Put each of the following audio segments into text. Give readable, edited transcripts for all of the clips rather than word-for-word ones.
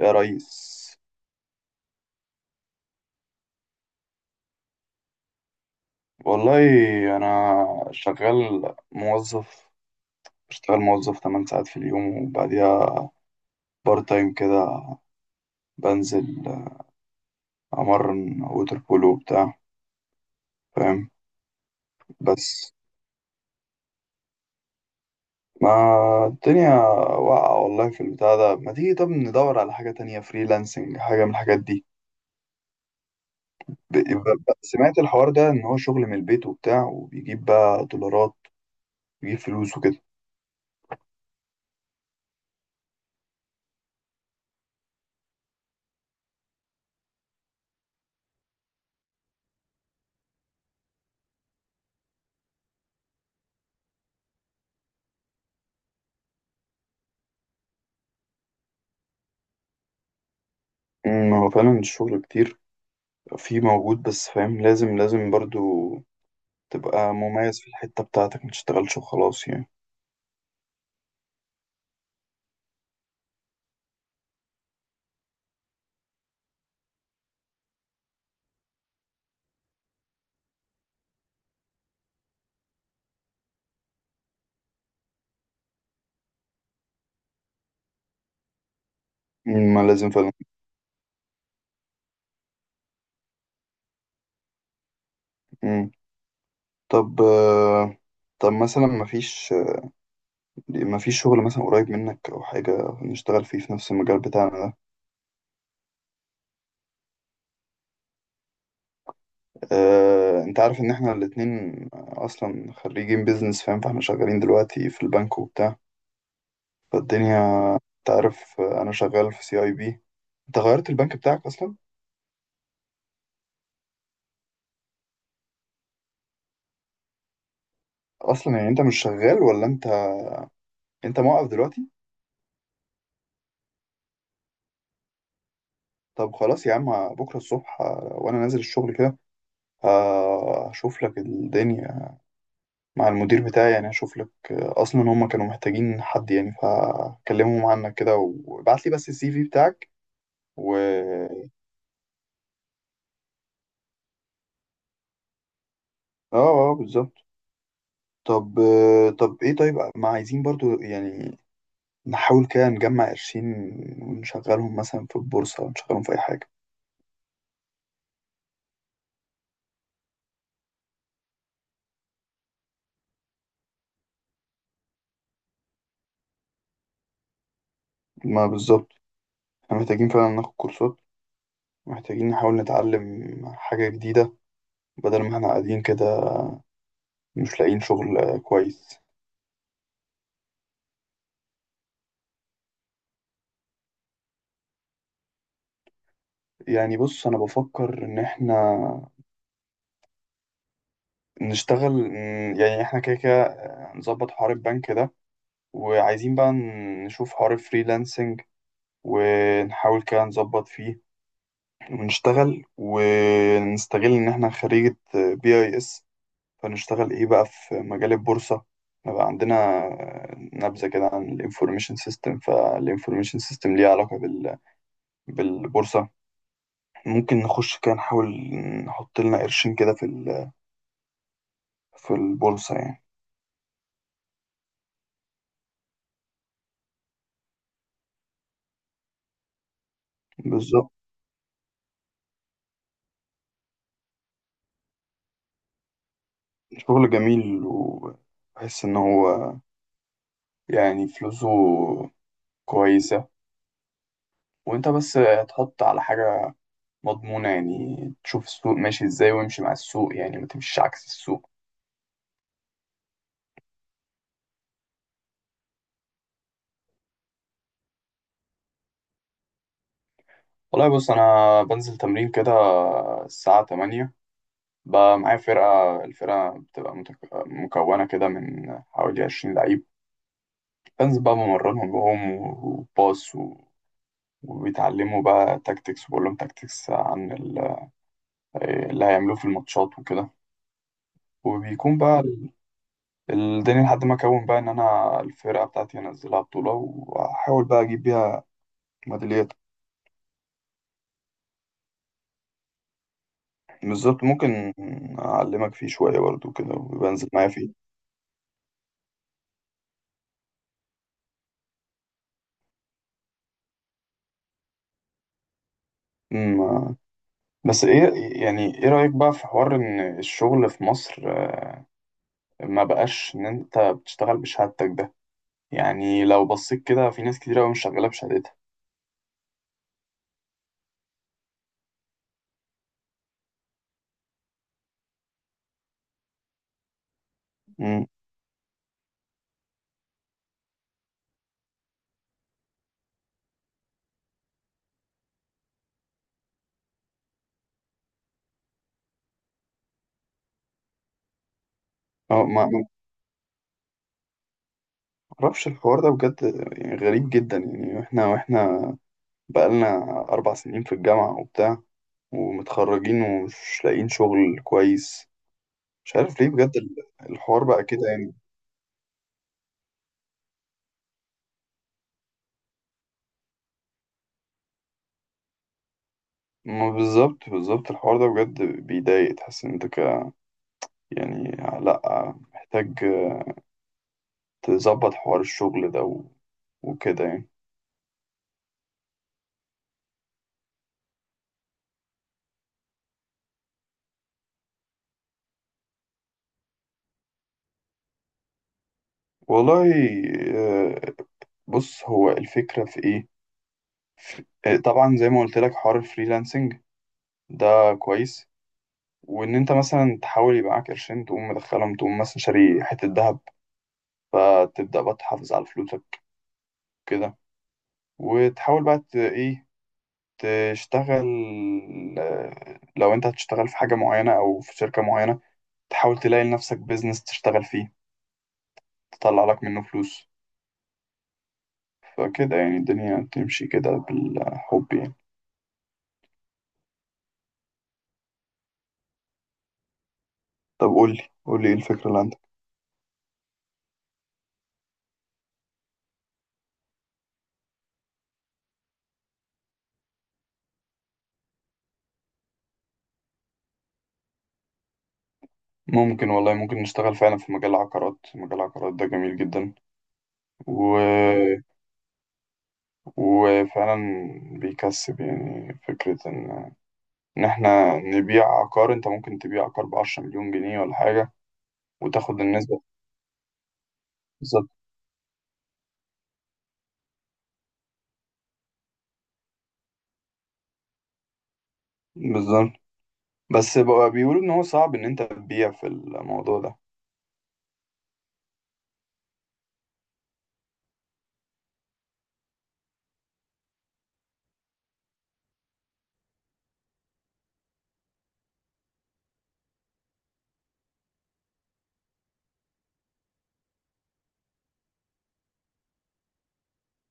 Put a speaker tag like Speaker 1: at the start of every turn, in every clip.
Speaker 1: يا ريس. والله أنا شغال موظف، بشتغل موظف 8 ساعات في اليوم وبعديها بارت تايم كده. بنزل أمرن ووتر بولو وبتاع، فاهم. بس ما الدنيا واقعة والله في البتاع ده، ما تيجي طب ندور على حاجة تانية، فريلانسنج، حاجة من الحاجات دي. سمعت الحوار ده إن هو شغل من البيت وبتاع، وبيجيب بقى دولارات، بيجيب فلوس وكده. هو فعلا الشغل كتير في موجود، بس فاهم لازم برضو تبقى مميز في الحتة بتاعتك، ما تشتغلش وخلاص يعني. ما لازم فعلا. مم. طب طب مثلا ما فيش شغل مثلا قريب منك او حاجة نشتغل فيه في نفس المجال بتاعنا ده. انت عارف ان احنا الاتنين اصلا خريجين بيزنس، فاهم، فاحنا شغالين دلوقتي في البنك وبتاع، فالدنيا انت عارف، انا شغال في CIB. انت غيرت البنك بتاعك اصلا؟ اصلا يعني انت مش شغال، ولا انت موقف دلوقتي؟ طب خلاص يا عم، بكرة الصبح وأنا نازل الشغل كده، هشوف لك الدنيا مع المدير بتاعي. يعني هشوف لك، أصلا هما كانوا محتاجين حد، يعني فكلمهم عنك كده. وابعت لي بس السي في بتاعك و اه، اه، بالظبط. طب طب ايه، طيب ما عايزين برضو يعني نحاول كده نجمع قرشين ونشغلهم مثلا في البورصة، ونشغلهم في أي حاجة. ما بالظبط، احنا محتاجين فعلا ناخد كورسات، محتاجين نحاول نتعلم حاجة جديدة بدل ما احنا قاعدين كده مش لاقيين شغل كويس. يعني بص، انا بفكر ان احنا نشتغل، يعني احنا كده كده نظبط حوار البنك ده، وعايزين بقى نشوف حوار الفريلانسنج، ونحاول كده نظبط فيه. ونشتغل ونستغل ان احنا خريجة BIS، فنشتغل ايه بقى في مجال البورصة، نبقى عندنا نبذة كده عن الانفورميشن سيستم، فالانفورميشن سيستم ليه علاقة بالبورصة. ممكن نخش كده، نحاول نحط لنا قرشين كده في البورصة يعني. بالظبط. شغل جميل وبحس إن هو يعني فلوسه كويسة، وأنت بس تحط على حاجة مضمونة يعني، تشوف السوق ماشي إزاي وامشي مع السوق، يعني ما تمشيش عكس السوق. والله بص، أنا بنزل تمرين كده الساعة 8، بقى معايا فرقة، الفرقة بتبقى مكونة كده من حوالي 20 لعيب. بنزل بقى بمرنهم وهم وباص، وبيتعلموا بقى تاكتكس، وبقول لهم تاكتكس اللي هيعملوه في الماتشات وكده. وبيكون بقى الدنيا، لحد ما اكون بقى ان انا الفرقه بتاعتي انزلها بطوله، واحاول بقى اجيب بيها ميداليات. بالظبط، ممكن اعلمك فيه شويه برضو كده، وبنزل معايا فيه. أمم، بس ايه، يعني ايه رايك بقى في حوار ان الشغل في مصر ما بقاش ان انت بتشتغل بشهادتك ده؟ يعني لو بصيت كده، في ناس كتير قوي مش شغاله بشهادتها. أمم. اه، ما معرفش الحوار ده بجد، يعني غريب جدا. يعني احنا بقالنا 4 سنين في الجامعة وبتاع، ومتخرجين ومش لاقيين شغل كويس. مش عارف ليه بجد الحوار بقى كده يعني. ما بالظبط، بالظبط، الحوار ده بجد بيضايق. تحس ان انت يعني لأ، محتاج تظبط حوار الشغل ده و... وكده يعني. والله، آه، بص هو الفكرة في ايه. طبعا زي ما قلت لك حوار الفريلانسنج ده كويس، وان انت مثلا تحاول يبقى معاك قرشين، تقوم مدخلهم، تقوم مثلا شاري حتة ذهب، فتبدأ بقى تحافظ على فلوسك كده، وتحاول بقى ايه تشتغل. لو انت هتشتغل في حاجة معينة او في شركة معينة، تحاول تلاقي لنفسك بيزنس تشتغل فيه، تطلع لك منه فلوس. فكده يعني الدنيا تمشي كده بالحب يعني. طب قولي قولي، ايه الفكرة اللي عندك؟ ممكن والله، ممكن نشتغل فعلا في مجال العقارات. مجال العقارات ده جميل جدا. وفعلا بيكسب، يعني فكرة إن إحنا نبيع عقار، أنت ممكن تبيع عقار بعشرة مليون جنيه ولا حاجة، وتاخد النسبة. بالظبط، بالظبط. بس بقى بيقولوا إن هو صعب إن أنت تبيع في الموضوع ده.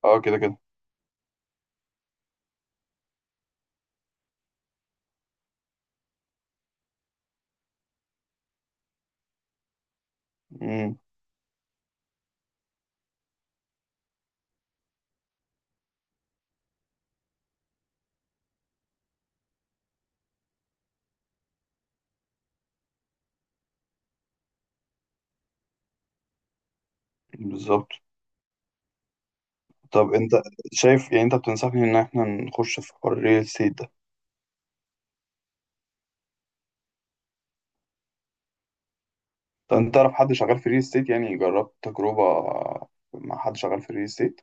Speaker 1: أه كده كده. أمم، بالظبط. طب أنت شايف، يعني أنت بتنصحني إن إحنا نخش في حوار الريل استيت ده؟ طب أنت تعرف حد شغال في الريل استيت؟ يعني جربت تجربة مع حد شغال في الريل استيت؟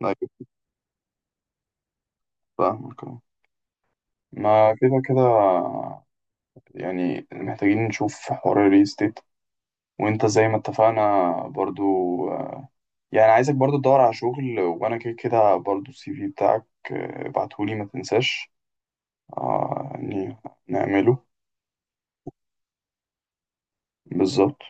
Speaker 1: لا. فاهمك أه. ما كده كده يعني محتاجين نشوف حوار الريل ستيت. وانت زي ما اتفقنا برضو، آه، يعني عايزك برضو تدور على شغل، وانا كده كده برضو السي في بتاعك، ابعتهولي، ما تنساش، يعني نعمله. بالظبط،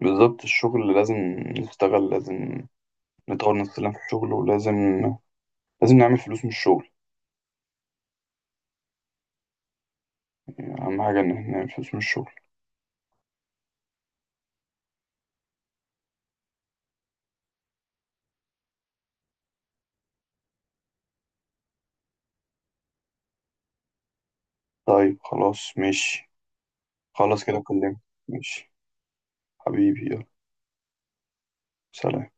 Speaker 1: بالظبط، الشغل لازم نشتغل، لازم نطور نفسنا في الشغل، ولازم نعمل فلوس من الشغل. يعني اهم حاجة ان احنا نعمل فلوس من الشغل. طيب خلاص ماشي. خلاص كده كلمت. ماشي حبيبي، يلا سلام.